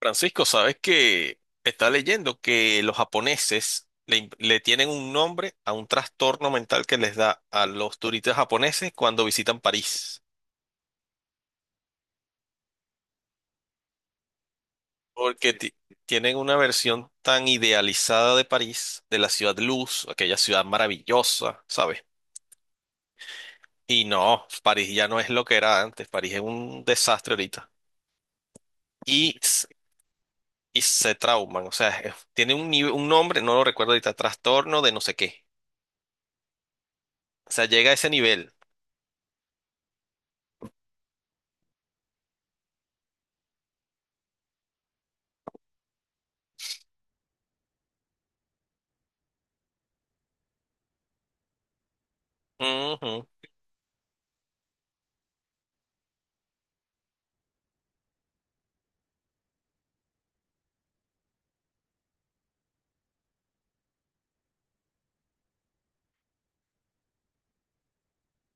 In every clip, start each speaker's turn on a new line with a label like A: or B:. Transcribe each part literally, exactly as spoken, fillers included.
A: Francisco, sabes que está leyendo que los japoneses le, im- le tienen un nombre a un trastorno mental que les da a los turistas japoneses cuando visitan París, porque ti- tienen una versión tan idealizada de París, de la ciudad luz, aquella ciudad maravillosa, ¿sabes? Y no, París ya no es lo que era antes, París es un desastre ahorita. Y, s- y se trauman, o sea, es- tiene un, nive- un nombre, no lo recuerdo ahorita, trastorno de no sé qué. O sea, llega a ese nivel. Ujú.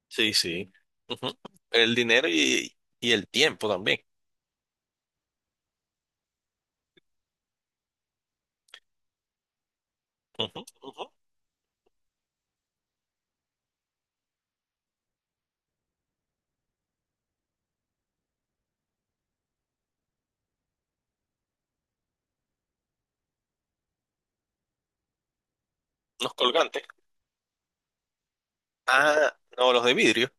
A: Sí, sí. Ujú. El dinero y, y el tiempo también. Ujú, ujú. Los colgantes. Ah, no, los de vidrio.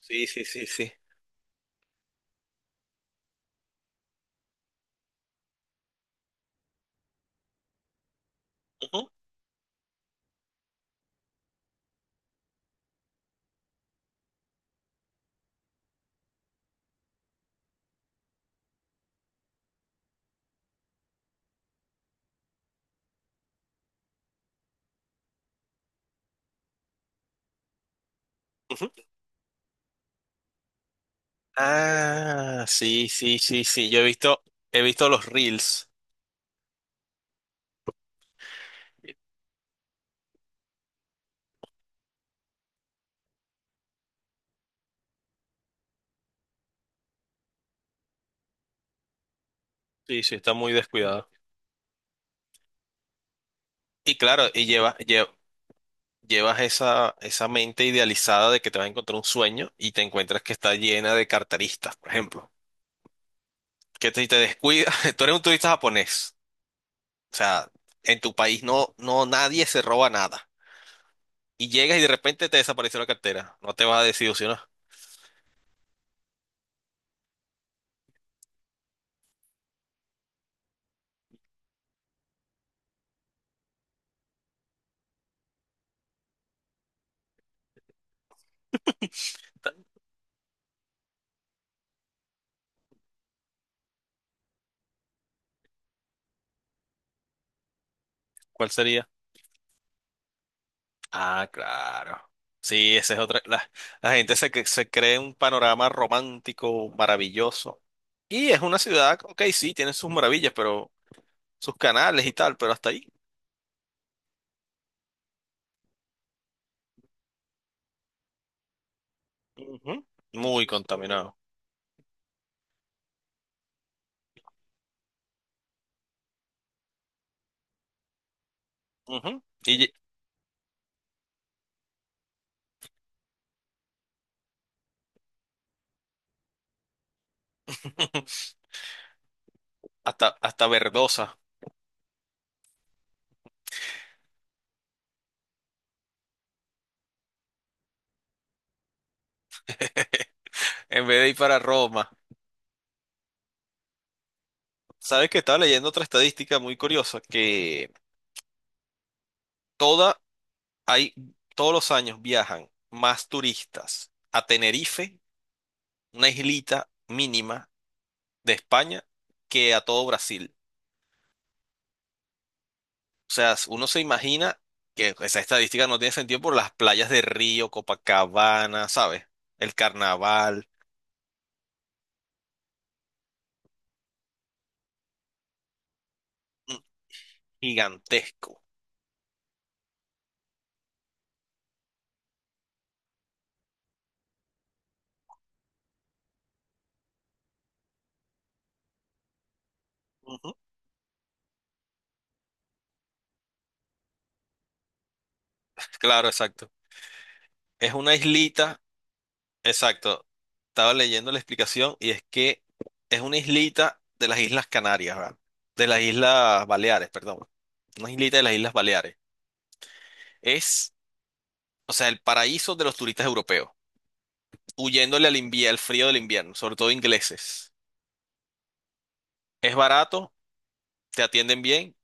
A: Sí, sí, sí, sí. Ujú, ujú. Ah, sí, sí, sí, sí. Yo he visto, he visto los reels. Sí, sí, está muy descuidado. Y claro, y llevas, lle- llevas esa, esa mente idealizada de que te vas a encontrar un sueño y te encuentras que está llena de carteristas, por ejemplo. Que te, te descuidas, tú eres un turista japonés. O sea, en tu país no, no, nadie se roba nada. Y llegas y de repente te desapareció la cartera. No te vas a desilusionar. ¿Cuál sería? Ah, claro. Sí, esa es otra. La, la gente se, cre- se cree un panorama romántico maravilloso. Y es una ciudad, ok, sí, tiene sus maravillas, pero sus canales y tal, pero hasta ahí. Ujú. Muy contaminado. Ujú. Y lle- hasta, hasta verdosa, en vez de ir para Roma. Sabes que estaba leyendo otra estadística muy curiosa, que toda hay todos los años viajan más turistas a Tenerife, una islita mínima de España, que a todo Brasil. O sea, uno se imagina que esa estadística no tiene sentido por las playas de Río, Copacabana, ¿sabes? El carnaval, mm, gigantesco. Ujú. Claro, exacto. Es una islita, exacto. Estaba leyendo la explicación y es que es una islita de las Islas Canarias, ¿verdad? De las Islas Baleares, perdón. Una islita de las Islas Baleares. Es, o sea, el paraíso de los turistas europeos, huyéndole al invierno, al frío del invierno, sobre todo ingleses. Es barato, te atienden bien,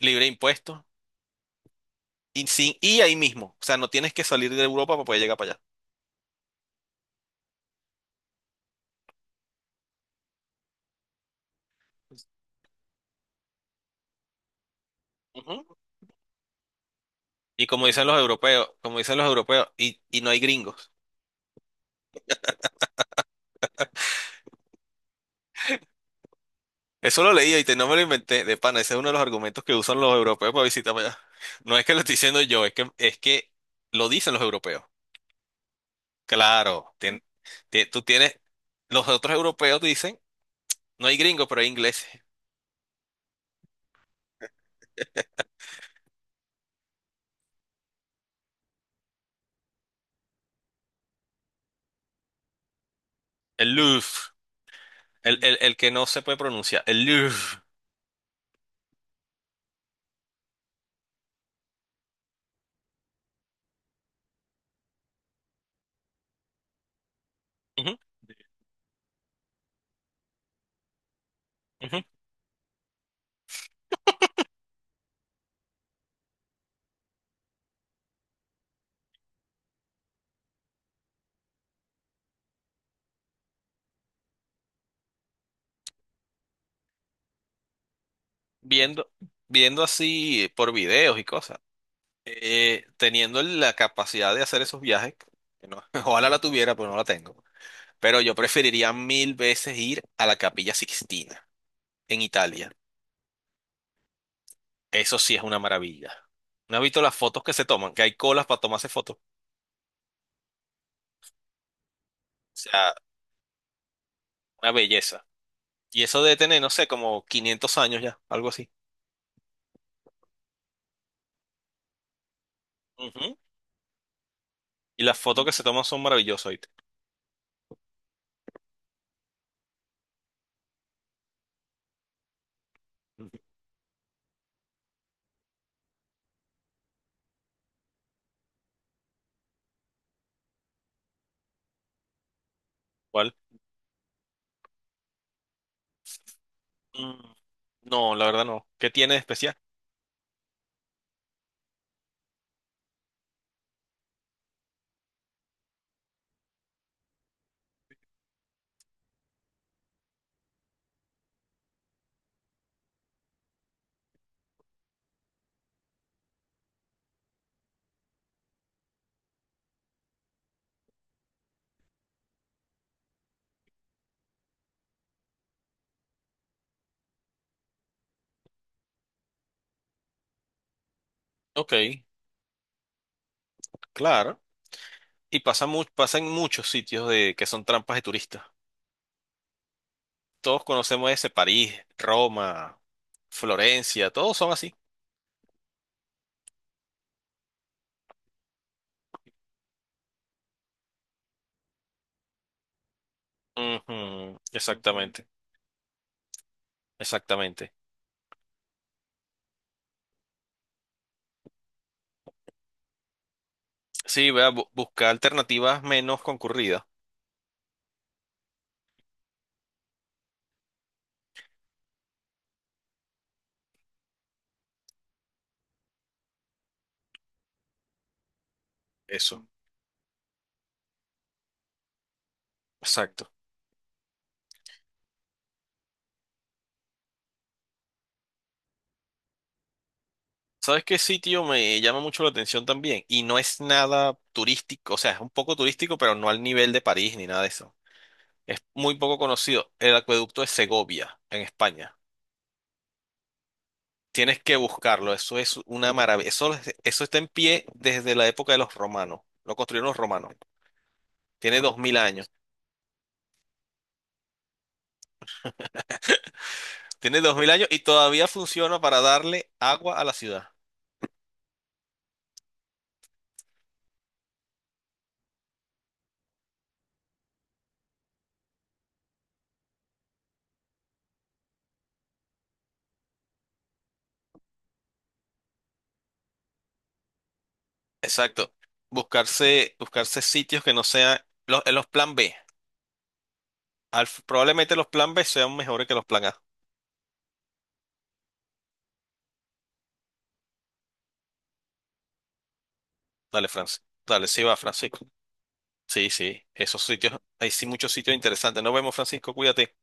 A: libre de impuestos, y, sin, y ahí mismo. O sea, no tienes que salir de Europa para poder llegar para allá. Ujú. Y como dicen los europeos, como dicen los europeos, y, y no hay gringos. Eso lo leí y te- no me lo inventé, de pana, ese es uno de los argumentos que usan los europeos para visitar para allá. No es que lo estoy diciendo yo, es que, es que lo dicen los europeos. Claro, tien- tie- Tú tienes, los otros europeos dicen, no hay gringos, pero hay ingleses. El Louvre, el, el, el, que no se puede pronunciar, el Louvre. Ujú, ujú. Viendo, viendo así por videos y cosas, eh, teniendo la capacidad de hacer esos viajes, que no- ojalá la tuviera, pero no la tengo. Pero yo preferiría mil veces ir a la Capilla Sixtina, en Italia. Eso sí es una maravilla. ¿No has visto las fotos que se toman? Que hay colas para tomarse fotos. O sea, una belleza. Y eso debe tener, no sé, como quinientos años ya, algo así. Ujú. Y las fotos que se toman son maravillosas, ¿oíste? Ujú. ¿Cuál? Mm, no, la verdad no. ¿Qué tiene de especial? Ok, claro. Y pasa, mu- pasa en muchos sitios de que son trampas de turistas. Todos conocemos ese París, Roma, Florencia, todos son así. Ujú. Exactamente, exactamente. Sí, vea, bu- buscar alternativas menos concurridas. Eso, exacto. ¿Sabes qué sitio me llama mucho la atención también? Y no es nada turístico, o sea, es un poco turístico, pero no al nivel de París ni nada de eso. Es muy poco conocido, el acueducto de Segovia, en España. Tienes que buscarlo, eso es una maravilla. Eso, es- eso está en pie desde la época de los romanos. Lo construyeron los romanos. Tiene dos mil años. Tiene dos mil años y todavía funciona para darle agua a la ciudad. Exacto. Buscarse, buscarse sitios que no sean los, los plan B. Al- probablemente los plan B sean mejores que los plan A. Dale, Francisco. Dale, sí va, Francisco. Sí, sí. Esos sitios, hay sí muchos sitios interesantes. Nos vemos, Francisco. Cuídate.